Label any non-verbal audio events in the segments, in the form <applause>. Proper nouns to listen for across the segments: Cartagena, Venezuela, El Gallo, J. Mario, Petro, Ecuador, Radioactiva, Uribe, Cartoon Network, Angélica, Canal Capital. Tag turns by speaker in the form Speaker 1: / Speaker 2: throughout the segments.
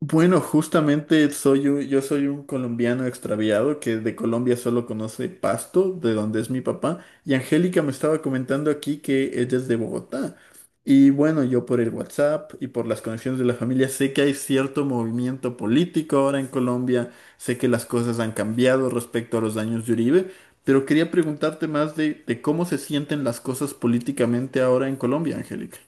Speaker 1: Bueno, justamente yo soy un colombiano extraviado que de Colombia solo conoce Pasto, de donde es mi papá, y Angélica me estaba comentando aquí que ella es de Bogotá. Y bueno, yo por el WhatsApp y por las conexiones de la familia sé que hay cierto movimiento político ahora en Colombia, sé que las cosas han cambiado respecto a los años de Uribe, pero quería preguntarte más de cómo se sienten las cosas políticamente ahora en Colombia, Angélica.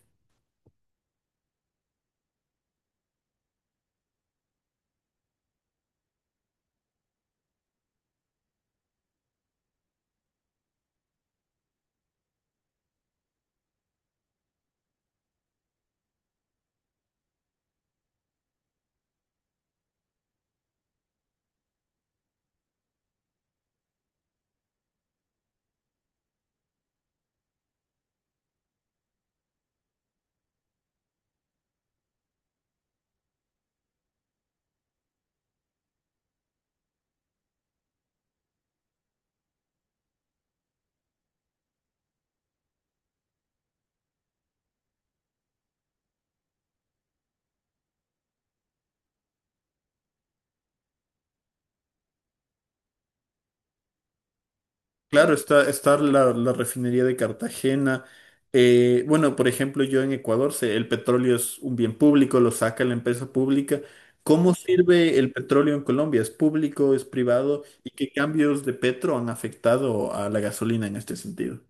Speaker 1: Claro, está la refinería de Cartagena. Bueno, por ejemplo, yo en Ecuador sé, el petróleo es un bien público, lo saca la empresa pública. ¿Cómo sirve el petróleo en Colombia? ¿Es público, es privado? ¿Y qué cambios de Petro han afectado a la gasolina en este sentido?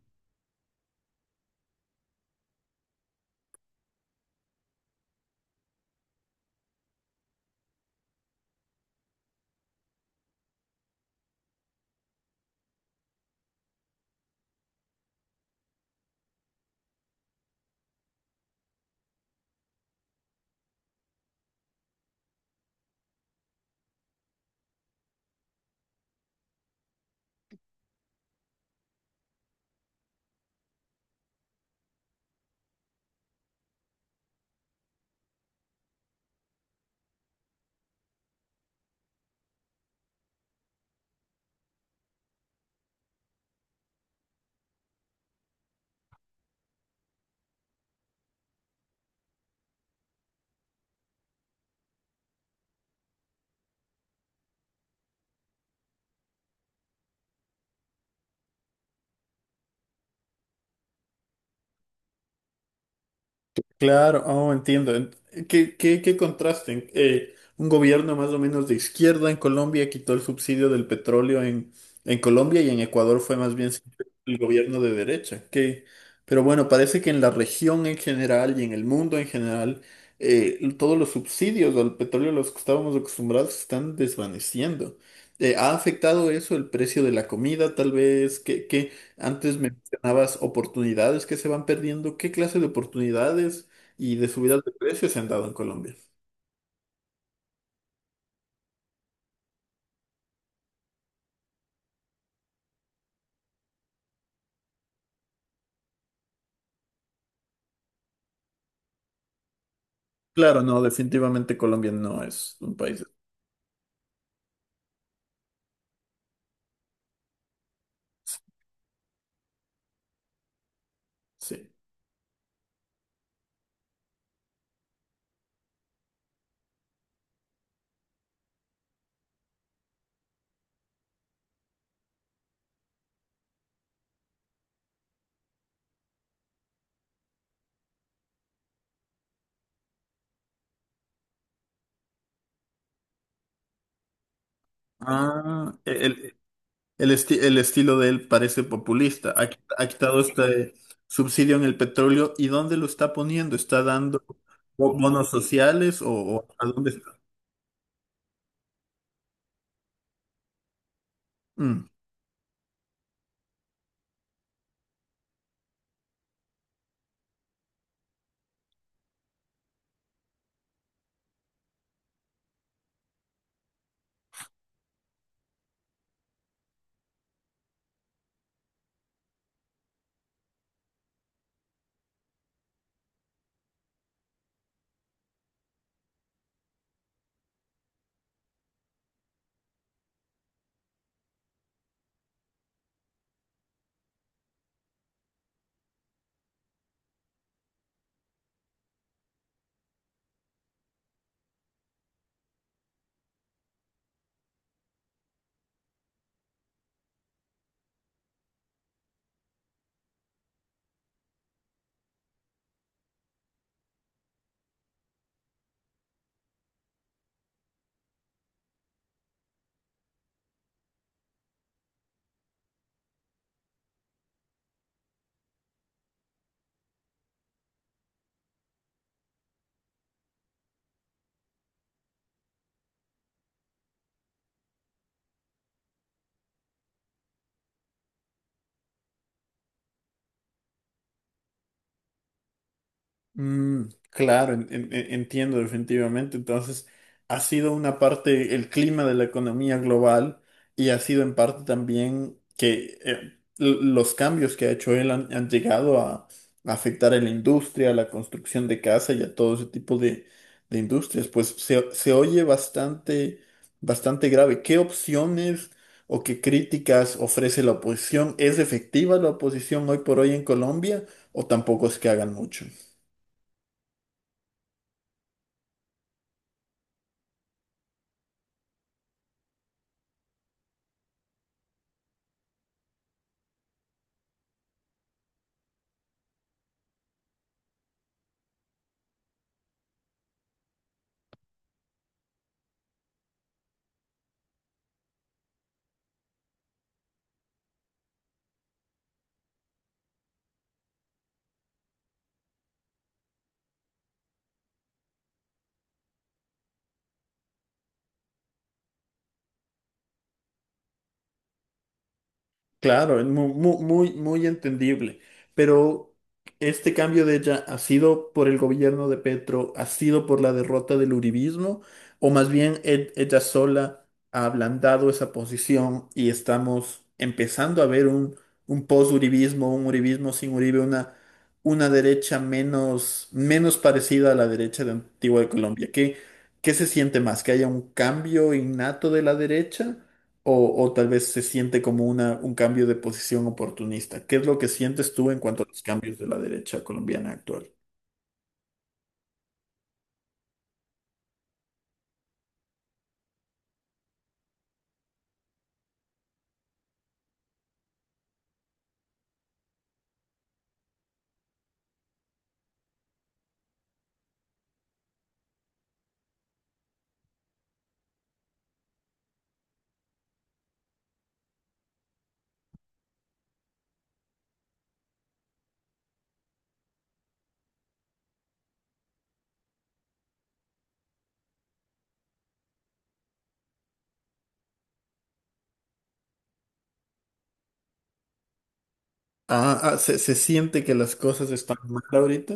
Speaker 1: Claro, oh, entiendo. Qué contraste? Un gobierno más o menos de izquierda en Colombia quitó el subsidio del petróleo en Colombia, y en Ecuador fue más bien siempre el gobierno de derecha. Que, pero bueno, parece que en la región en general y en el mundo en general, todos los subsidios al petróleo a los que estábamos acostumbrados se están desvaneciendo. ¿Ha afectado eso el precio de la comida, tal vez? Qué qué antes mencionabas oportunidades que se van perdiendo? ¿Qué clase de oportunidades y de subidas de precios se han dado en Colombia? Claro, no, definitivamente Colombia no es un país. Sí. Ah, el estilo de él parece populista. Ha quitado este subsidio en el petróleo. ¿Y dónde lo está poniendo? ¿Está dando bonos sociales, o a dónde está? Mm, claro, entiendo definitivamente. Entonces, ha sido una parte el clima de la economía global, y ha sido en parte también que los cambios que ha hecho él han, han llegado a afectar a la industria, a la construcción de casa y a todo ese tipo de industrias. Pues se oye bastante grave. ¿Qué opciones o qué críticas ofrece la oposición? ¿Es efectiva la oposición hoy por hoy en Colombia, o tampoco es que hagan mucho? Claro, es muy, muy entendible. Pero este cambio de ella ha sido por el gobierno de Petro, ha sido por la derrota del uribismo, o más bien ella sola ha ablandado esa posición, y estamos empezando a ver un post-uribismo, un uribismo sin Uribe, una derecha menos, menos parecida a la derecha de Antigua de Colombia. ¿Qué se siente más? ¿Que haya un cambio innato de la derecha? O tal vez se siente como un cambio de posición oportunista. ¿Qué es lo que sientes tú en cuanto a los cambios de la derecha colombiana actual? Ah, ah, se siente que las cosas están mal ahorita.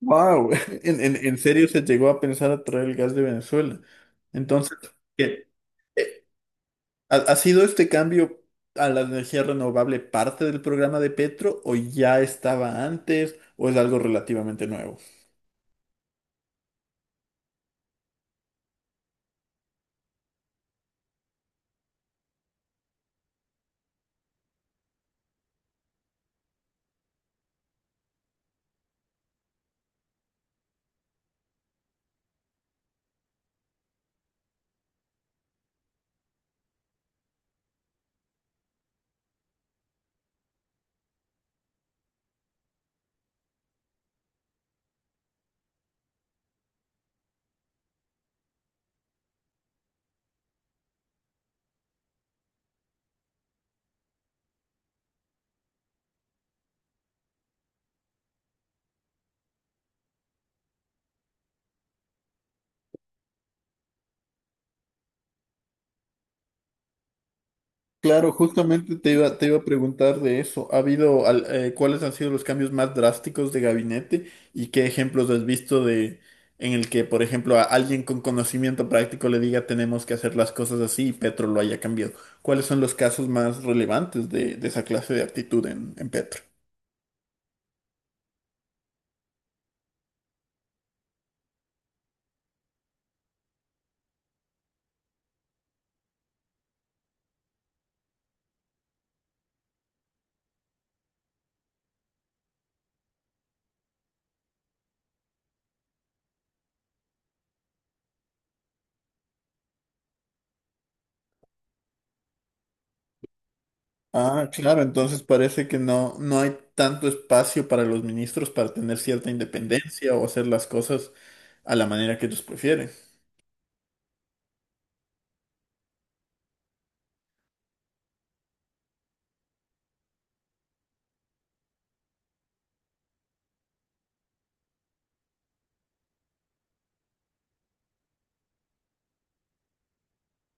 Speaker 1: Wow, <laughs> en, en serio se llegó a pensar a traer el gas de Venezuela. Entonces, ¿qué? Eh, ¿Ha, ha sido este cambio a la energía renovable parte del programa de Petro, o ya estaba antes, o es algo relativamente nuevo? Claro, justamente te iba a preguntar de eso. ¿Ha habido, cuáles han sido los cambios más drásticos de gabinete, y qué ejemplos has visto de en el que, por ejemplo, a alguien con conocimiento práctico le diga tenemos que hacer las cosas así y Petro lo haya cambiado? ¿Cuáles son los casos más relevantes de esa clase de actitud en Petro? Ah, claro, entonces parece que no, no hay tanto espacio para los ministros para tener cierta independencia o hacer las cosas a la manera que ellos prefieren.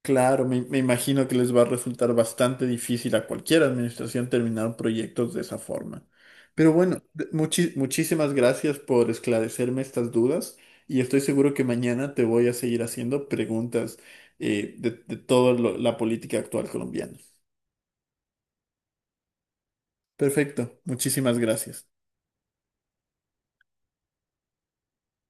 Speaker 1: Claro, me imagino que les va a resultar bastante difícil a cualquier administración terminar proyectos de esa forma. Pero bueno, muchísimas gracias por esclarecerme estas dudas, y estoy seguro que mañana te voy a seguir haciendo preguntas de toda la política actual colombiana. Perfecto, muchísimas gracias.